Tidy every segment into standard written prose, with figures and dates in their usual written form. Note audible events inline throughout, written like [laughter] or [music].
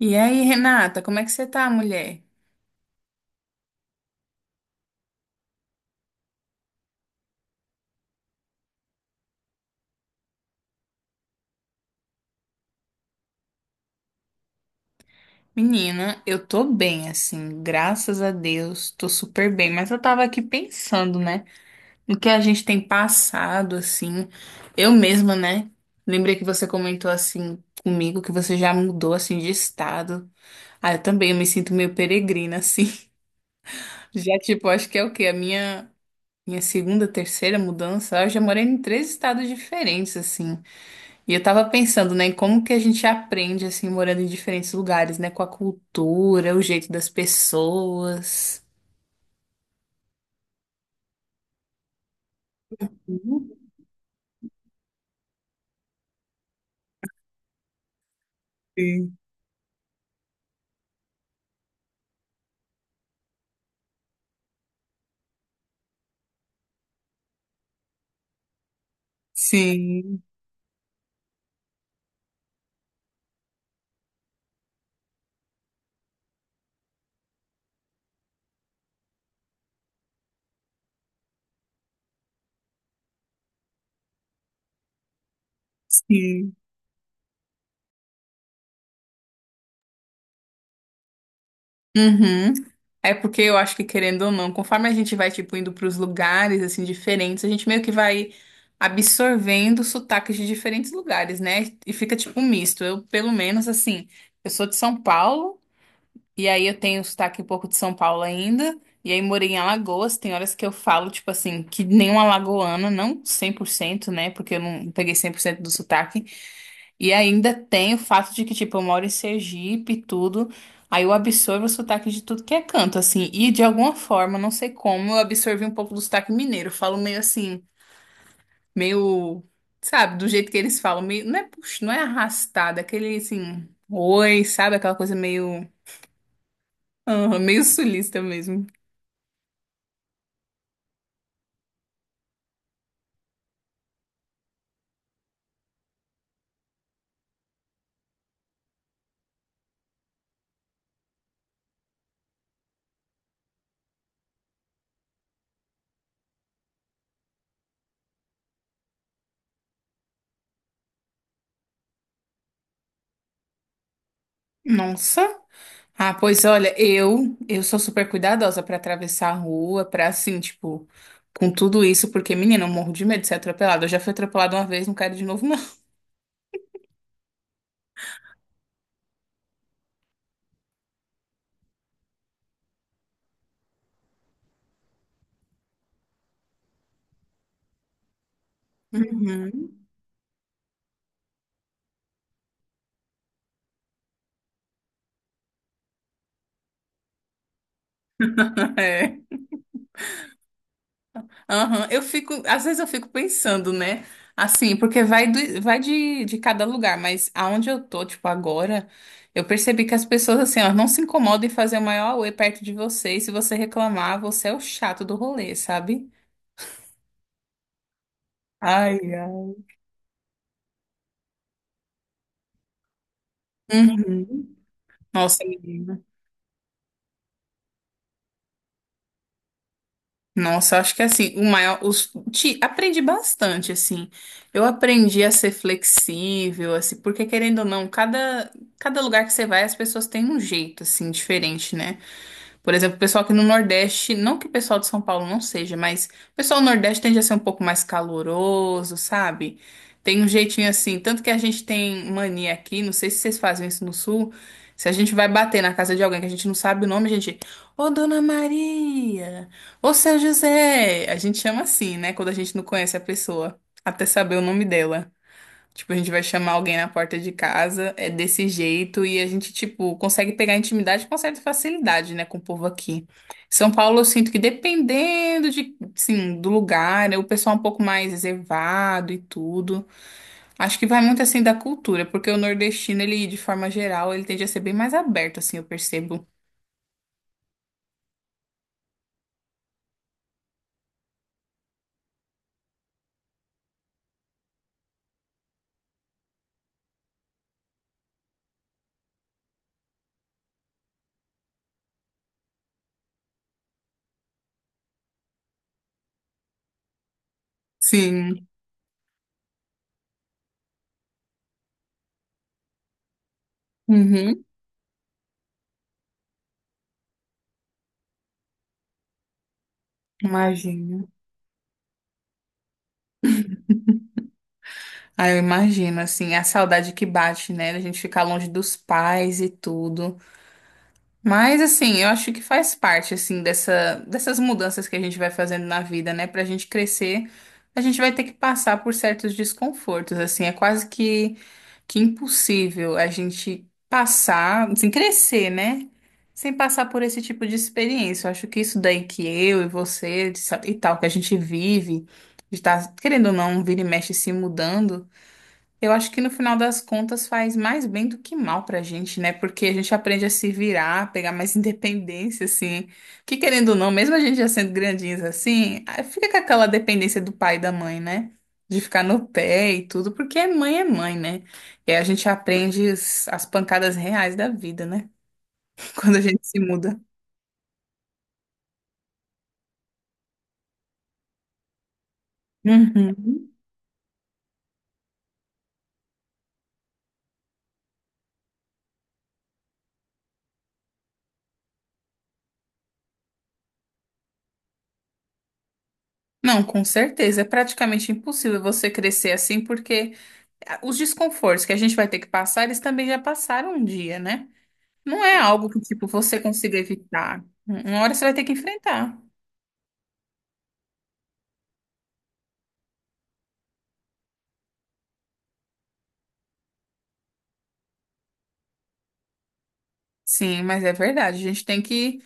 E aí, Renata, como é que você tá, mulher? Menina, eu tô bem, assim, graças a Deus, tô super bem, mas eu tava aqui pensando, né, no que a gente tem passado, assim, eu mesma, né, lembrei que você comentou, assim, comigo, que você já mudou, assim, de estado. Ah, eu também, eu me sinto meio peregrina, assim, [laughs] já, tipo, acho que é o quê, a minha segunda, terceira mudança, eu já morei em três estados diferentes, assim. E eu tava pensando, né, em como que a gente aprende, assim, morando em diferentes lugares, né, com a cultura, o jeito das pessoas. Sim, sim. Sim. Uhum. É porque eu acho que, querendo ou não, conforme a gente vai, tipo, indo pros lugares, assim, diferentes, a gente meio que vai absorvendo sotaques de diferentes lugares, né, e fica, tipo, um misto. Eu, pelo menos, assim, eu sou de São Paulo. E aí eu tenho sotaque um pouco de São Paulo ainda. E aí morei em Alagoas. Tem horas que eu falo, tipo assim, que nem uma alagoana, não 100%, né? Porque eu não peguei 100% do sotaque. E ainda tem o fato de que, tipo, eu moro em Sergipe e tudo. Aí eu absorvo o sotaque de tudo que é canto, assim. E de alguma forma, não sei como, eu absorvi um pouco do sotaque mineiro. Eu falo meio assim, meio, sabe, do jeito que eles falam. Meio, não é, puxa, não é arrastado, é aquele assim, oi, sabe? Aquela coisa meio, aham, meio sulista mesmo. Nossa. Ah, pois olha, eu sou super cuidadosa pra atravessar a rua, pra assim, tipo, com tudo isso, porque menina, eu morro de medo de ser atropelada. Eu já fui atropelada uma vez, não quero de novo, não. Uhum. [laughs] É. Aham. Eu fico, às vezes eu fico pensando, né? Assim, porque vai, vai de cada lugar, mas aonde eu tô, tipo, agora, eu percebi que as pessoas, assim, ó, não se incomodam em fazer o maior auê perto de você, e se você reclamar, você é o chato do rolê, sabe? Ai, ai. Uhum. Nossa, menina. Nossa, acho que é assim, o maior, os, te, aprendi bastante, assim. Eu aprendi a ser flexível, assim, porque querendo ou não, cada lugar que você vai, as pessoas têm um jeito, assim, diferente, né? Por exemplo, o pessoal aqui no Nordeste, não que o pessoal de São Paulo não seja, mas o pessoal do Nordeste tende a ser um pouco mais caloroso, sabe? Tem um jeitinho assim, tanto que a gente tem mania aqui, não sei se vocês fazem isso no Sul, se a gente vai bater na casa de alguém que a gente não sabe o nome, a gente, ô Dona Maria, ô Seu José, a gente chama assim, né, quando a gente não conhece a pessoa, até saber o nome dela. Tipo, a gente vai chamar alguém na porta de casa, é desse jeito, e a gente, tipo, consegue pegar intimidade com certa facilidade, né, com o povo aqui. São Paulo, eu sinto que dependendo de, sim, do lugar, né, o pessoal é um pouco mais reservado e tudo. Acho que vai muito, assim, da cultura, porque o nordestino, ele, de forma geral, ele tende a ser bem mais aberto, assim, eu percebo. Sim. Uhum. Imagino. Ah, eu imagino, assim, a saudade que bate, né, da gente ficar longe dos pais e tudo. Mas assim, eu acho que faz parte assim dessa, dessas mudanças que a gente vai fazendo na vida, né? Pra gente crescer, a gente vai ter que passar por certos desconfortos, assim, é quase que impossível a gente passar, assim, crescer, né? Sem passar por esse tipo de experiência. Eu acho que isso daí que eu e você de sa- e tal que a gente vive, de estar, querendo ou não, vira e mexe se mudando. Eu acho que no final das contas faz mais bem do que mal pra gente, né? Porque a gente aprende a se virar, a pegar mais independência, assim. Que querendo ou não, mesmo a gente já sendo grandinhos assim, ah, fica com aquela dependência do pai e da mãe, né? De ficar no pé e tudo, porque mãe é mãe, né? E aí a gente aprende as pancadas reais da vida, né? [laughs] Quando a gente se muda. Uhum. Não, com certeza. É praticamente impossível você crescer assim, porque ah, os desconfortos que a gente vai ter que passar, eles também já passaram um dia, né? Não é algo que, tipo, você consiga evitar. Uma hora você vai ter que enfrentar. Sim, mas é verdade. A gente tem que.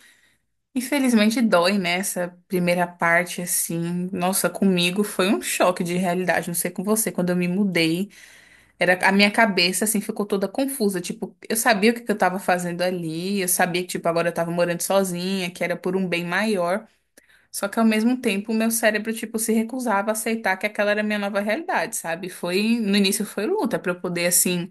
Infelizmente, dói, né? Essa primeira parte, assim. Nossa, comigo foi um choque de realidade. Não sei com você. Quando eu me mudei, era a minha cabeça, assim, ficou toda confusa. Tipo, eu sabia o que que eu tava fazendo ali. Eu sabia que, tipo, agora eu tava morando sozinha, que era por um bem maior. Só que ao mesmo tempo, o meu cérebro, tipo, se recusava a aceitar que aquela era a minha nova realidade, sabe? Foi. No início foi luta pra eu poder, assim,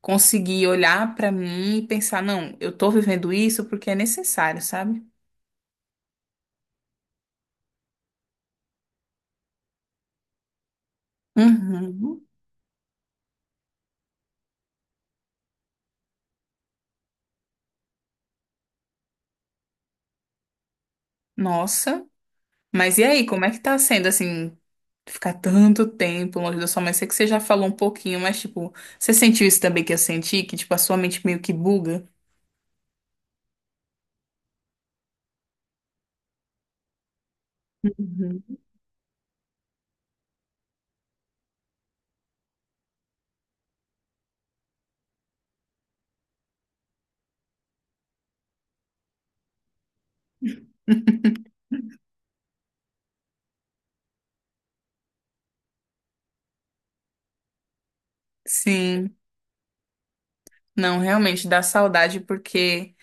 conseguir olhar pra mim e pensar, não, eu tô vivendo isso porque é necessário, sabe? Uhum. Nossa. Mas e aí, como é que tá sendo assim, ficar tanto tempo longe da sua mãe? Sei que você já falou um pouquinho, mas tipo, você sentiu isso também que eu senti, que tipo a sua mente meio que buga? Uhum. Sim. Não, realmente dá saudade porque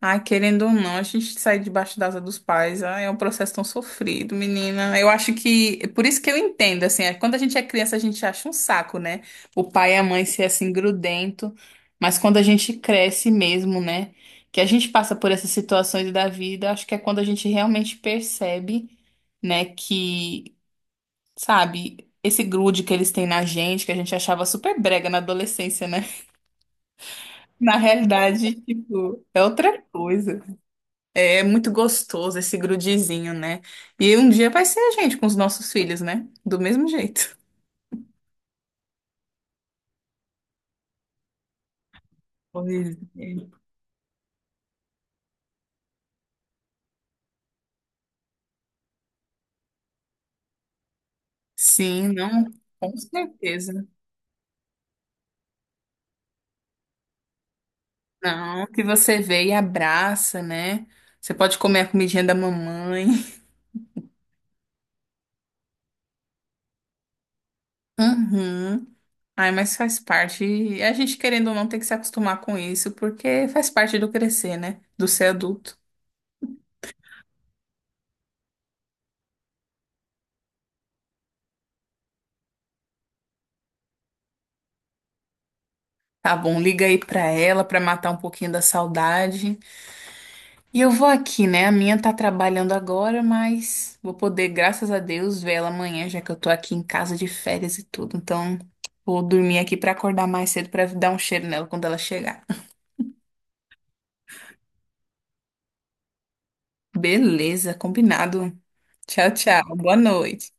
ai, querendo ou não, a gente sair debaixo da asa dos pais, ai, é um processo tão sofrido, menina. Eu acho que, por isso que eu entendo, assim, é, quando a gente é criança, a gente acha um saco, né? O pai e a mãe ser assim grudento, mas quando a gente cresce mesmo, né? Que a gente passa por essas situações da vida, acho que é quando a gente realmente percebe, né, que, sabe, esse grude que eles têm na gente, que a gente achava super brega na adolescência, né? [laughs] Na realidade, tipo, é outra coisa. É muito gostoso esse grudizinho, né? E um dia vai ser a gente com os nossos filhos, né? Do mesmo jeito. Pois é. Sim, não, com certeza. Não, que você vê e abraça, né? Você pode comer a comidinha da mamãe. [laughs] Uhum. Ai, mas faz parte. E a gente, querendo ou não, tem que se acostumar com isso, porque faz parte do crescer, né? Do ser adulto. Tá bom, liga aí pra ela pra matar um pouquinho da saudade. E eu vou aqui, né? A minha tá trabalhando agora, mas vou poder, graças a Deus, ver ela amanhã, já que eu tô aqui em casa de férias e tudo. Então, vou dormir aqui pra acordar mais cedo pra dar um cheiro nela quando ela chegar. [laughs] Beleza, combinado. Tchau, tchau. Boa noite.